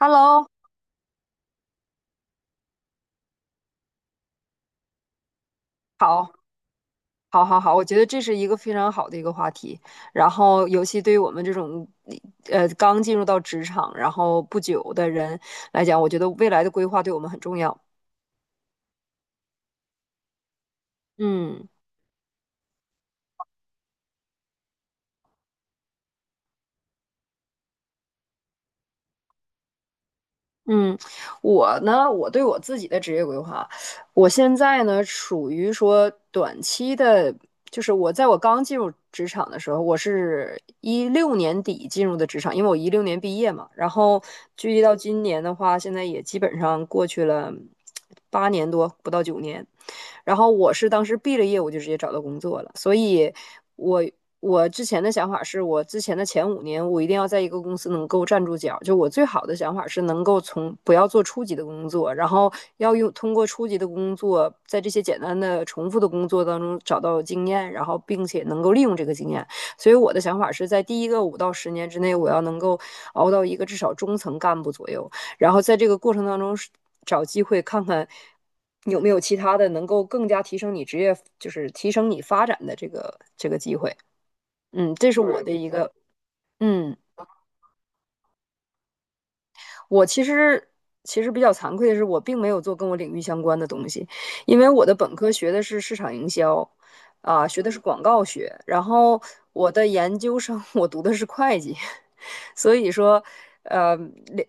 Hello，好，好，我觉得这是一个非常好的一个话题。然后，尤其对于我们这种刚进入到职场，然后不久的人来讲，我觉得未来的规划对我们很重要。嗯。嗯，我呢，我对我自己的职业规划，我现在呢属于说短期的，就是我刚进入职场的时候，我是一六年底进入的职场，因为我一六年毕业嘛，然后距离到今年的话，现在也基本上过去了8年多，不到9年。然后我是当时毕了业，我就直接找到工作了，所以我我之前的想法是我之前的前5年，我一定要在一个公司能够站住脚。就我最好的想法是能够不要做初级的工作，然后要通过初级的工作，在这些简单的重复的工作当中找到经验，然后并且能够利用这个经验。所以我的想法是在第一个5到10年之内，我要能够熬到一个至少中层干部左右。然后在这个过程当中找机会看看有没有其他的能够更加提升你职业，就是提升你发展的这个机会。嗯，这是我的一个嗯。我其实比较惭愧的是，我并没有做跟我领域相关的东西，因为我的本科学的是市场营销，啊、学的是广告学，然后我的研究生我读的是会计，所以说，呃，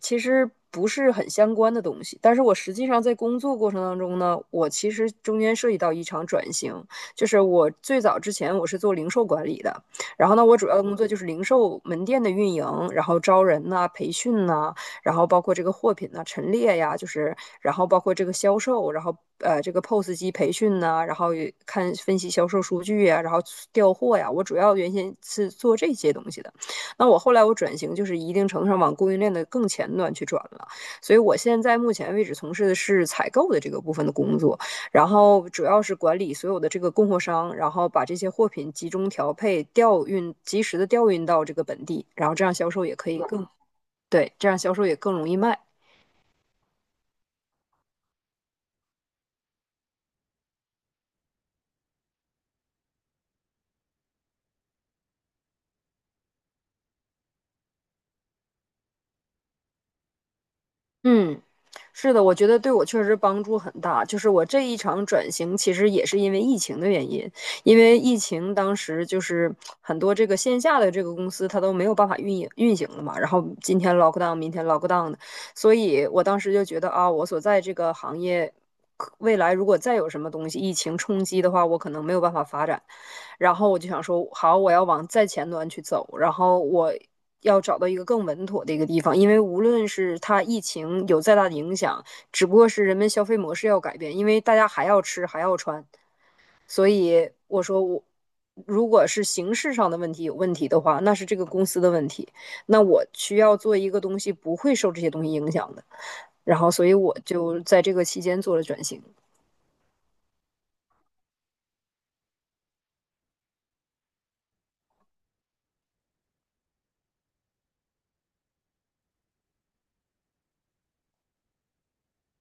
其实不是很相关的东西。但是我实际上在工作过程当中呢，我其实中间涉及到一场转型，就是我最早之前我是做零售管理的，然后呢，我主要的工作就是零售门店的运营，然后招人呐、啊培训呐、啊然后包括这个货品呢陈列呀，就是然后包括这个销售，然后这个 POS 机培训呐、然后看分析销售数据呀，然后调货呀，我主要原先是做这些东西的。那我后来我转型，就是一定程度上往供应链的更前端去转了。所以我现在目前为止从事的是采购的这个部分的工作，然后主要是管理所有的这个供货商，然后把这些货品集中调配、调运、及时的调运到这个本地，然后这样销售也可以更对，这样销售也更容易卖。嗯，是的，我觉得对我确实帮助很大。就是我这一场转型，其实也是因为疫情的原因，因为疫情当时就是很多这个线下的这个公司它都没有办法运营运行了嘛，然后今天 lock down，明天 lock down 的，所以我当时就觉得啊，我所在这个行业。未来如果再有什么东西疫情冲击的话，我可能没有办法发展，然后我就想说，好，我要往再前端去走，然后我要找到一个更稳妥的一个地方，因为无论是它疫情有再大的影响，只不过是人们消费模式要改变，因为大家还要吃还要穿，所以我说我如果是形式上的问题有问题的话，那是这个公司的问题，那我需要做一个东西不会受这些东西影响的，然后所以我就在这个期间做了转型，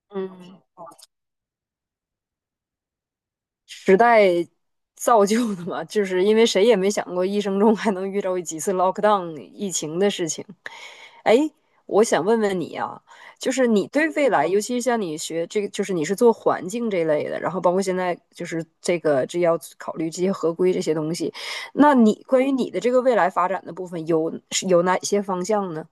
嗯。时代造就的嘛，就是因为谁也没想过一生中还能遇到几次 lockdown 疫情的事情。哎，我想问问你啊，就是你对未来，尤其是像你学这个，就是你是做环境这类的，然后包括现在就是这要考虑这些合规这些东西，那你关于你的这个未来发展的部分是有哪些方向呢？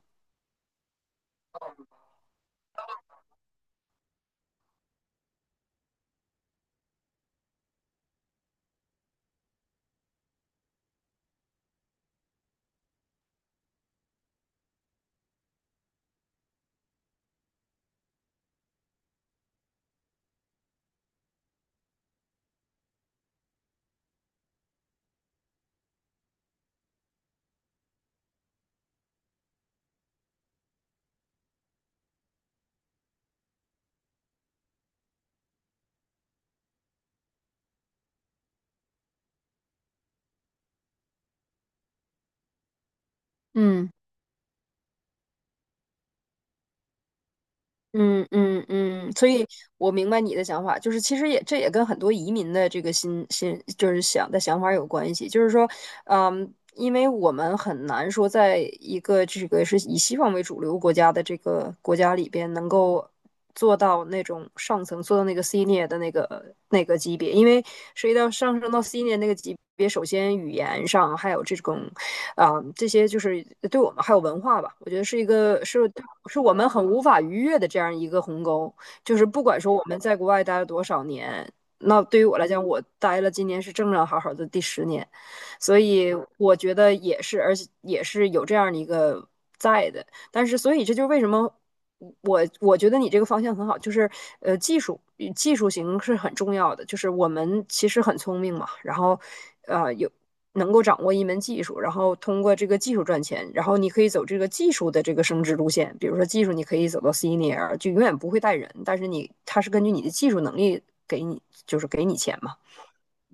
嗯。嗯，所以我明白你的想法，就是其实也这也跟很多移民的这个心就是想法有关系，就是说，嗯，因为我们很难说在一个这个是以西方为主流国家的这个国家里边能够。做到那种上层，做到那个 senior 的那个级别，因为涉及到上升到 senior 那个级别，首先语言上还有这种，这些就是对我们还有文化吧，我觉得是一个是我们很无法逾越的这样一个鸿沟，就是不管说我们在国外待了多少年。那对于我来讲，我待了今年是正正好好的第10年，所以我觉得也是，而且也是有这样的一个在的，但是，所以这就是为什么我觉得你这个方向很好，就是呃，技术技术型是很重要的。就是我们其实很聪明嘛，然后有能够掌握一门技术，然后通过这个技术赚钱，然后你可以走这个技术的这个升职路线。比如说技术，你可以走到 senior，就永远不会带人，但是它是根据你的技术能力给你，就是给你钱嘛。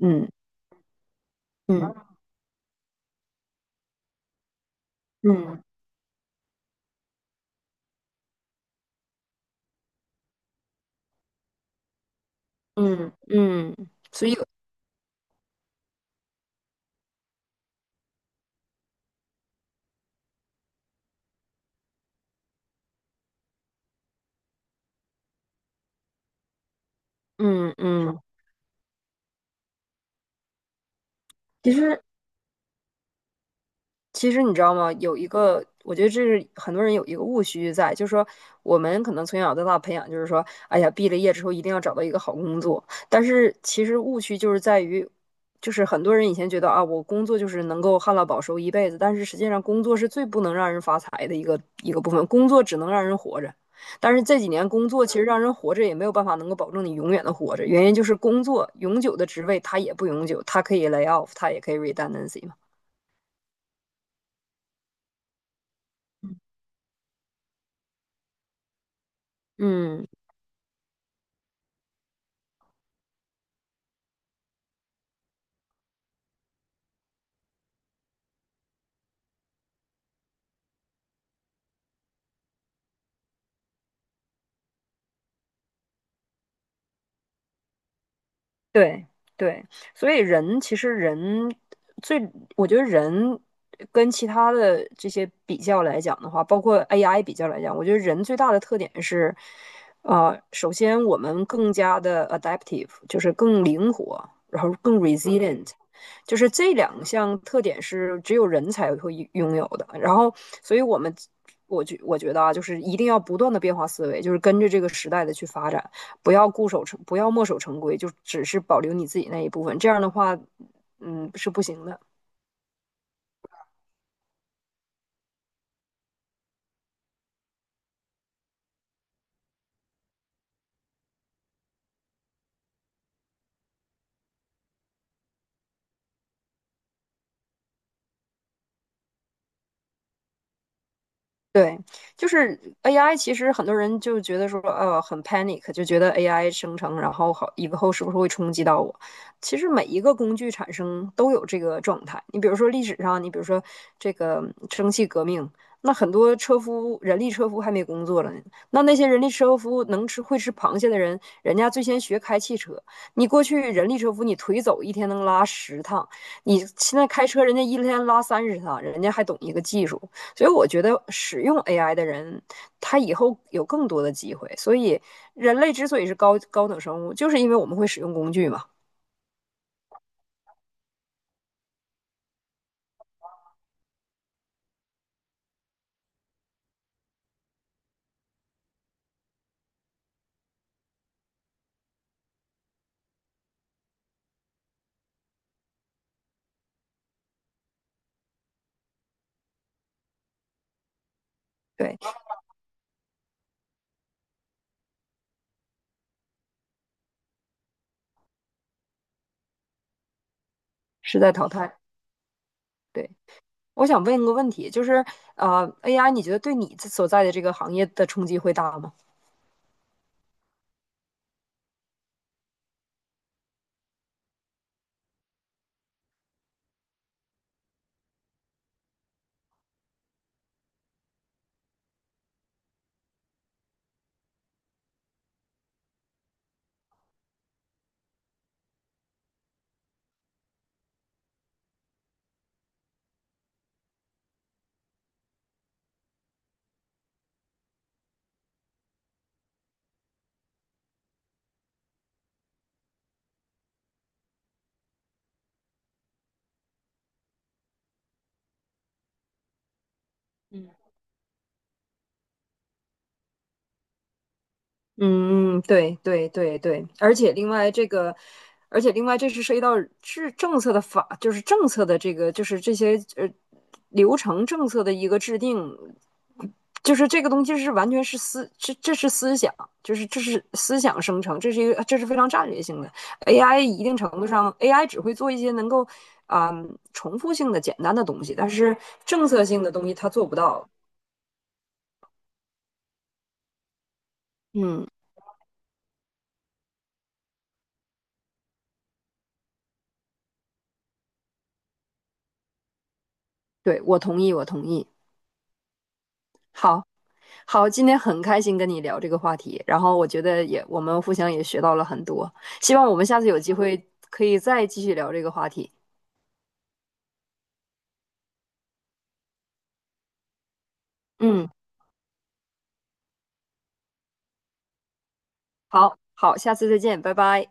嗯嗯嗯嗯嗯嗯，所以嗯嗯其实你知道吗？有一个，我觉得这是很多人有一个误区在，就是说我们可能从小到大培养，就是说，哎呀，毕了业之后一定要找到一个好工作。但是其实误区就是在于，就是很多人以前觉得啊，我工作就是能够旱涝保收一辈子，但是实际上工作是最不能让人发财的一个部分，工作只能让人活着。但是这几年工作其实让人活着也没有办法能够保证你永远的活着，原因就是工作永久的职位它也不永久，它可以 lay off，它也可以 redundancy 嘛。嗯。对对，所以人其实人最，我觉得人跟其他的这些比较来讲的话，包括 AI 比较来讲，我觉得人最大的特点是，首先我们更加的 adaptive，就是更灵活，然后更 resilient，就是这两项特点是只有人才会拥有的。然后，所以我觉得啊，就是一定要不断的变化思维，就是跟着这个时代的去发展。不要固守成，不要墨守成规，就只是保留你自己那一部分。这样的话，嗯，是不行的。对，就是 AI，其实很多人就觉得说，很 panic，就觉得 AI 生成，然后好以后是不是会冲击到我？其实每一个工具产生都有这个状态。你比如说历史上，你比如说这个蒸汽革命，那很多人力车夫还没工作了呢。那那些人力车夫会吃螃蟹的人，人家最先学开汽车。你过去人力车夫，你腿走一天能拉十趟，你现在开车，人家一天拉30趟，人家还懂一个技术。所以我觉得使用 AI 的人，他以后有更多的机会。所以人类之所以是高等生物，就是因为我们会使用工具嘛。对，是在淘汰。对，我想问一个问题，就是AI 你觉得对你所在的这个行业的冲击会大吗？嗯，嗯，对对对对，而且另外这个，而且另外这是涉及到制政策的法，就是政策的这个，就是这些流程政策的一个制定，就是这个东西是完全是思，这是思想，就是这是思想生成，这是这是非常战略性的 AI。一定程度上，AI 只会做一些能够重复性的简单的东西，但是政策性的东西它做不到。嗯，对，我同意，我同意。好，好，今天很开心跟你聊这个话题，然后我觉得我们互相也学到了很多，希望我们下次有机会可以再继续聊这个话题。嗯，好，好，下次再见，拜拜。